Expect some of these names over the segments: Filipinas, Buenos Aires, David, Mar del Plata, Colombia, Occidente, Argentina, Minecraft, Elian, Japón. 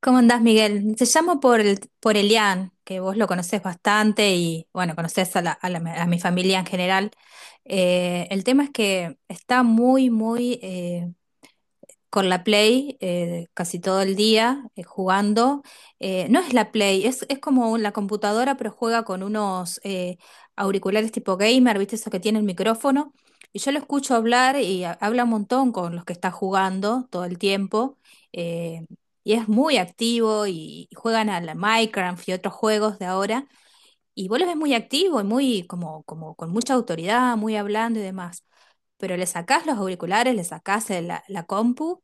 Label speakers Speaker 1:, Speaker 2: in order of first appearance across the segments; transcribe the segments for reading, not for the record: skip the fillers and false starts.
Speaker 1: ¿Cómo andás, Miguel? Te llamo por, el, por Elian, que vos lo conocés bastante y, bueno, conocés a, a mi familia en general. El tema es que está muy, muy con la Play casi todo el día jugando. No es la Play, es como la computadora, pero juega con unos auriculares tipo gamer, ¿viste? Eso que tiene el micrófono. Y yo lo escucho hablar y habla un montón con los que está jugando todo el tiempo. eh, y es muy activo y juegan a la Minecraft y otros juegos de ahora. Y vos lo ves muy activo y muy como, como con mucha autoridad, muy hablando y demás. Pero le sacás los auriculares, le sacás la compu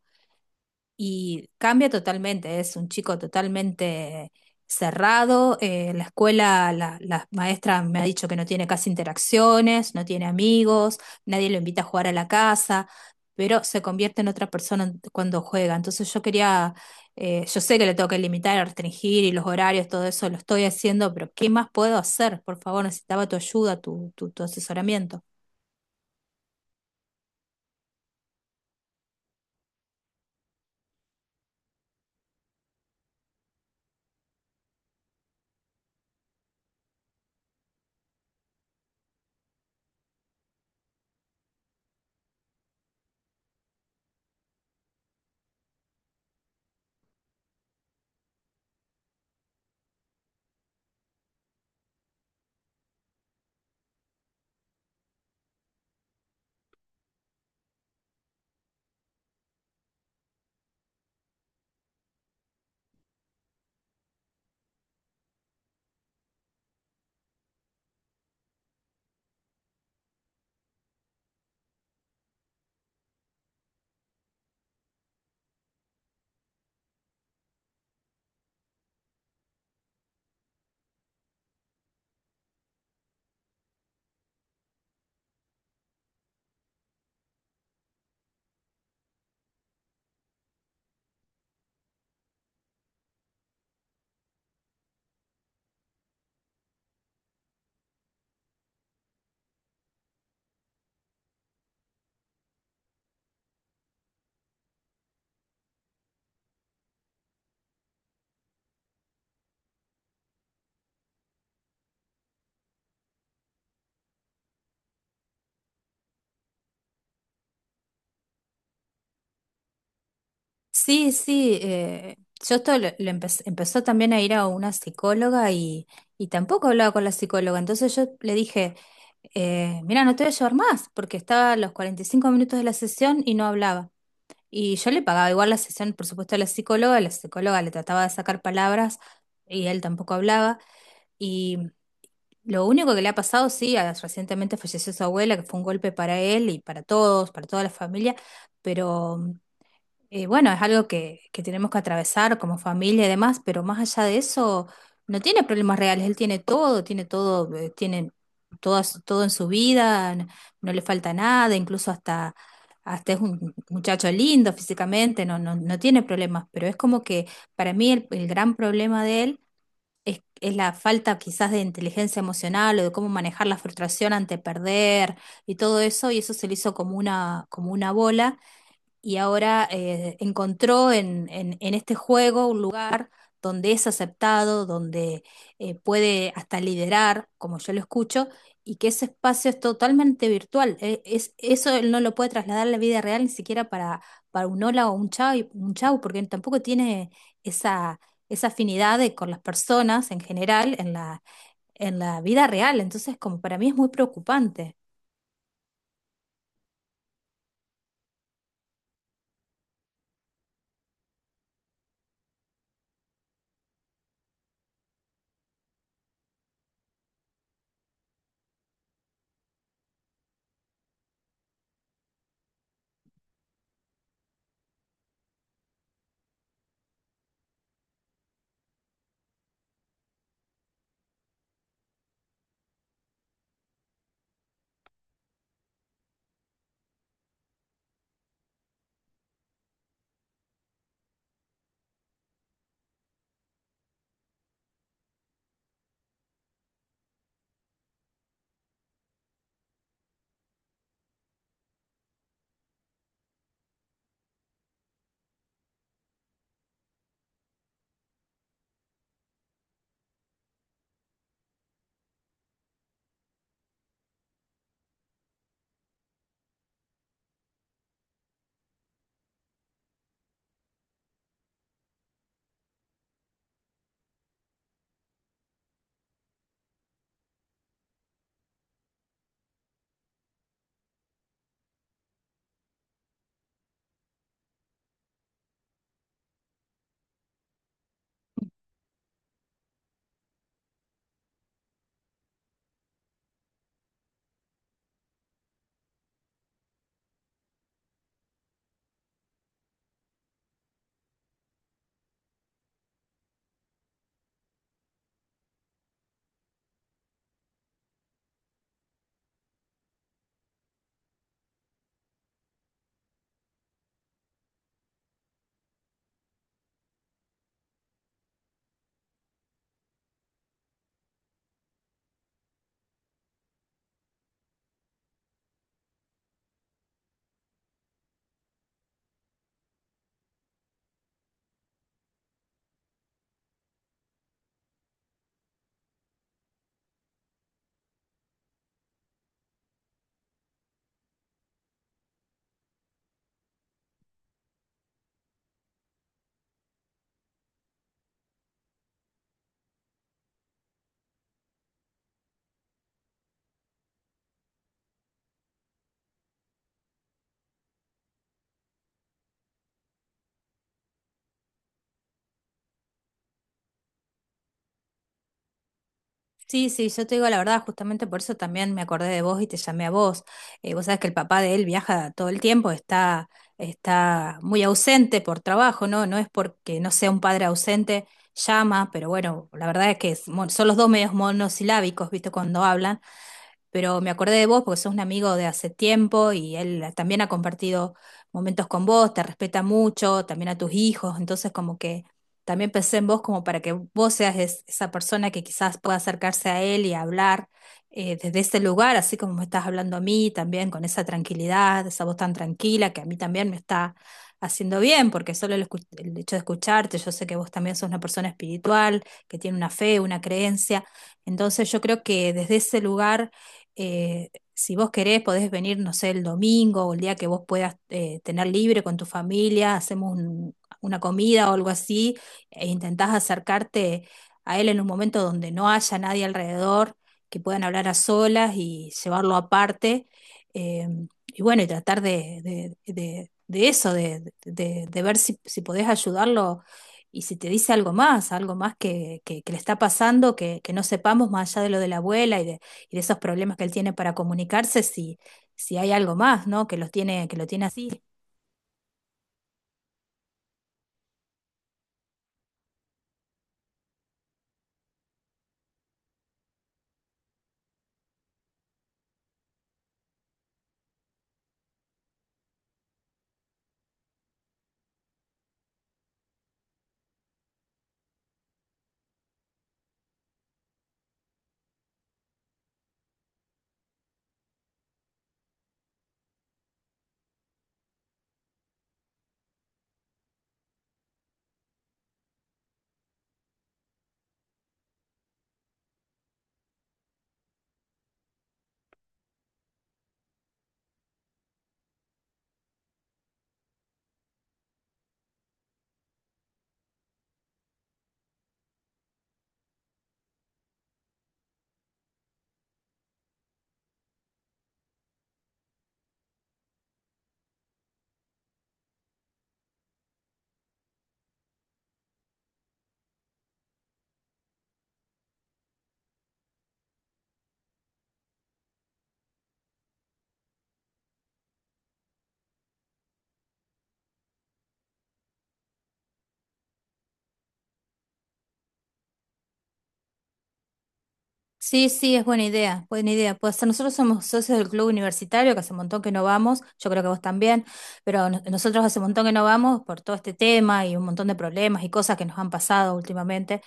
Speaker 1: y cambia totalmente, es un chico totalmente cerrado. La escuela, la maestra me ha dicho que no tiene casi interacciones, no tiene amigos, nadie lo invita a jugar a la casa, pero se convierte en otra persona cuando juega. Entonces yo quería, yo sé que le tengo que limitar, restringir y los horarios, todo eso lo estoy haciendo, pero ¿qué más puedo hacer? Por favor, necesitaba tu ayuda, tu, tu asesoramiento. Sí, sí, yo esto lo, empezó también a ir a una psicóloga y tampoco hablaba con la psicóloga. Entonces yo le dije, mira, no te voy a llevar más, porque estaba a los 45 minutos de la sesión y no hablaba. Y yo le pagaba igual la sesión, por supuesto, a la psicóloga le trataba de sacar palabras y él tampoco hablaba. Y lo único que le ha pasado, sí, recientemente falleció su abuela, que fue un golpe para él y para todos, para toda la familia, pero... Bueno, es algo que tenemos que atravesar como familia y demás, pero más allá de eso, no tiene problemas reales. Él tiene todo, tiene todo, tiene todo, todo en su vida, no, le falta nada, incluso hasta, hasta es un muchacho lindo físicamente, no, no, no tiene problemas. Pero es como que para mí el gran problema de él es la falta quizás de inteligencia emocional o de cómo manejar la frustración ante perder y todo eso, y eso se le hizo como una bola y ahora encontró en, en este juego un lugar donde es aceptado, donde puede hasta liderar, como yo lo escucho, y que ese espacio es totalmente virtual. Eso él no lo puede trasladar a la vida real ni siquiera para un hola o un chao, un chau, porque tampoco tiene esa, esa afinidad con las personas en general en la vida real. Entonces, como para mí es muy preocupante. Sí, sí, yo te digo la verdad, justamente por eso también me acordé de vos y te llamé a vos. Vos sabés que el papá de él viaja todo el tiempo, está, está muy ausente por trabajo, ¿no? No es porque no sea un padre ausente, llama, pero bueno, la verdad es que son los dos medios monosilábicos, ¿viste? Cuando hablan, pero me acordé de vos porque sos un amigo de hace tiempo y él también ha compartido momentos con vos, te respeta mucho, también a tus hijos, entonces como que también pensé en vos como para que vos seas esa persona que quizás pueda acercarse a él y hablar desde ese lugar, así como me estás hablando a mí también, con esa tranquilidad, esa voz tan tranquila que a mí también me está haciendo bien, porque solo el hecho de escucharte, yo sé que vos también sos una persona espiritual, que tiene una fe, una creencia, entonces yo creo que desde ese lugar si vos querés, podés venir, no sé, el domingo o el día que vos puedas tener libre con tu familia, hacemos una comida o algo así, e intentás acercarte a él en un momento donde no haya nadie alrededor, que puedan hablar a solas y llevarlo aparte. eh, y bueno, y tratar de, de eso, de, de ver si, si podés ayudarlo y si te dice algo más que, que le está pasando, que no sepamos más allá de lo de la abuela y de esos problemas que él tiene para comunicarse, si, si hay algo más, ¿no? Que los tiene, que lo tiene así. Sí, sí, es buena idea, buena idea. Pues nosotros somos socios del Club Universitario, que hace un montón que no vamos, yo creo que vos también, pero nosotros hace un montón que no vamos por todo este tema y un montón de problemas y cosas que nos han pasado últimamente,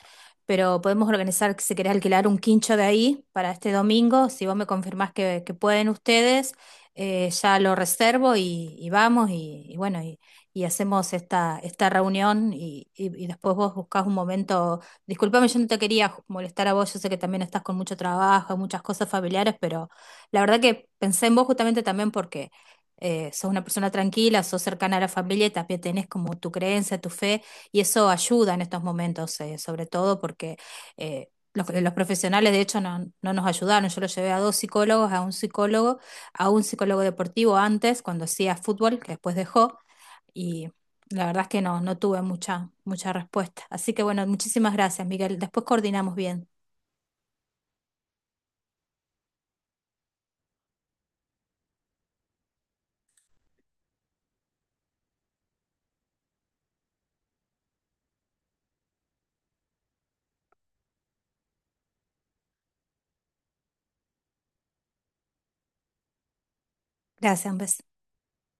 Speaker 1: pero podemos organizar, que si querés alquilar un quincho de ahí para este domingo, si vos me confirmás que pueden ustedes, ya lo reservo y vamos y bueno, y hacemos esta, esta reunión y, y después vos buscás un momento. Disculpame, yo no te quería molestar a vos, yo sé que también estás con mucho trabajo, muchas cosas familiares, pero la verdad que pensé en vos justamente también porque sos una persona tranquila, sos cercana a la familia y también tenés como tu creencia, tu fe, y eso ayuda en estos momentos, sobre todo porque eh, los profesionales de hecho no, no nos ayudaron. Yo lo llevé a 2 psicólogos, a un psicólogo deportivo antes, cuando hacía fútbol, que después dejó y la verdad es que no, no tuve mucha, mucha respuesta. Así que bueno, muchísimas gracias, Miguel. Después coordinamos bien. Gracias, un beso.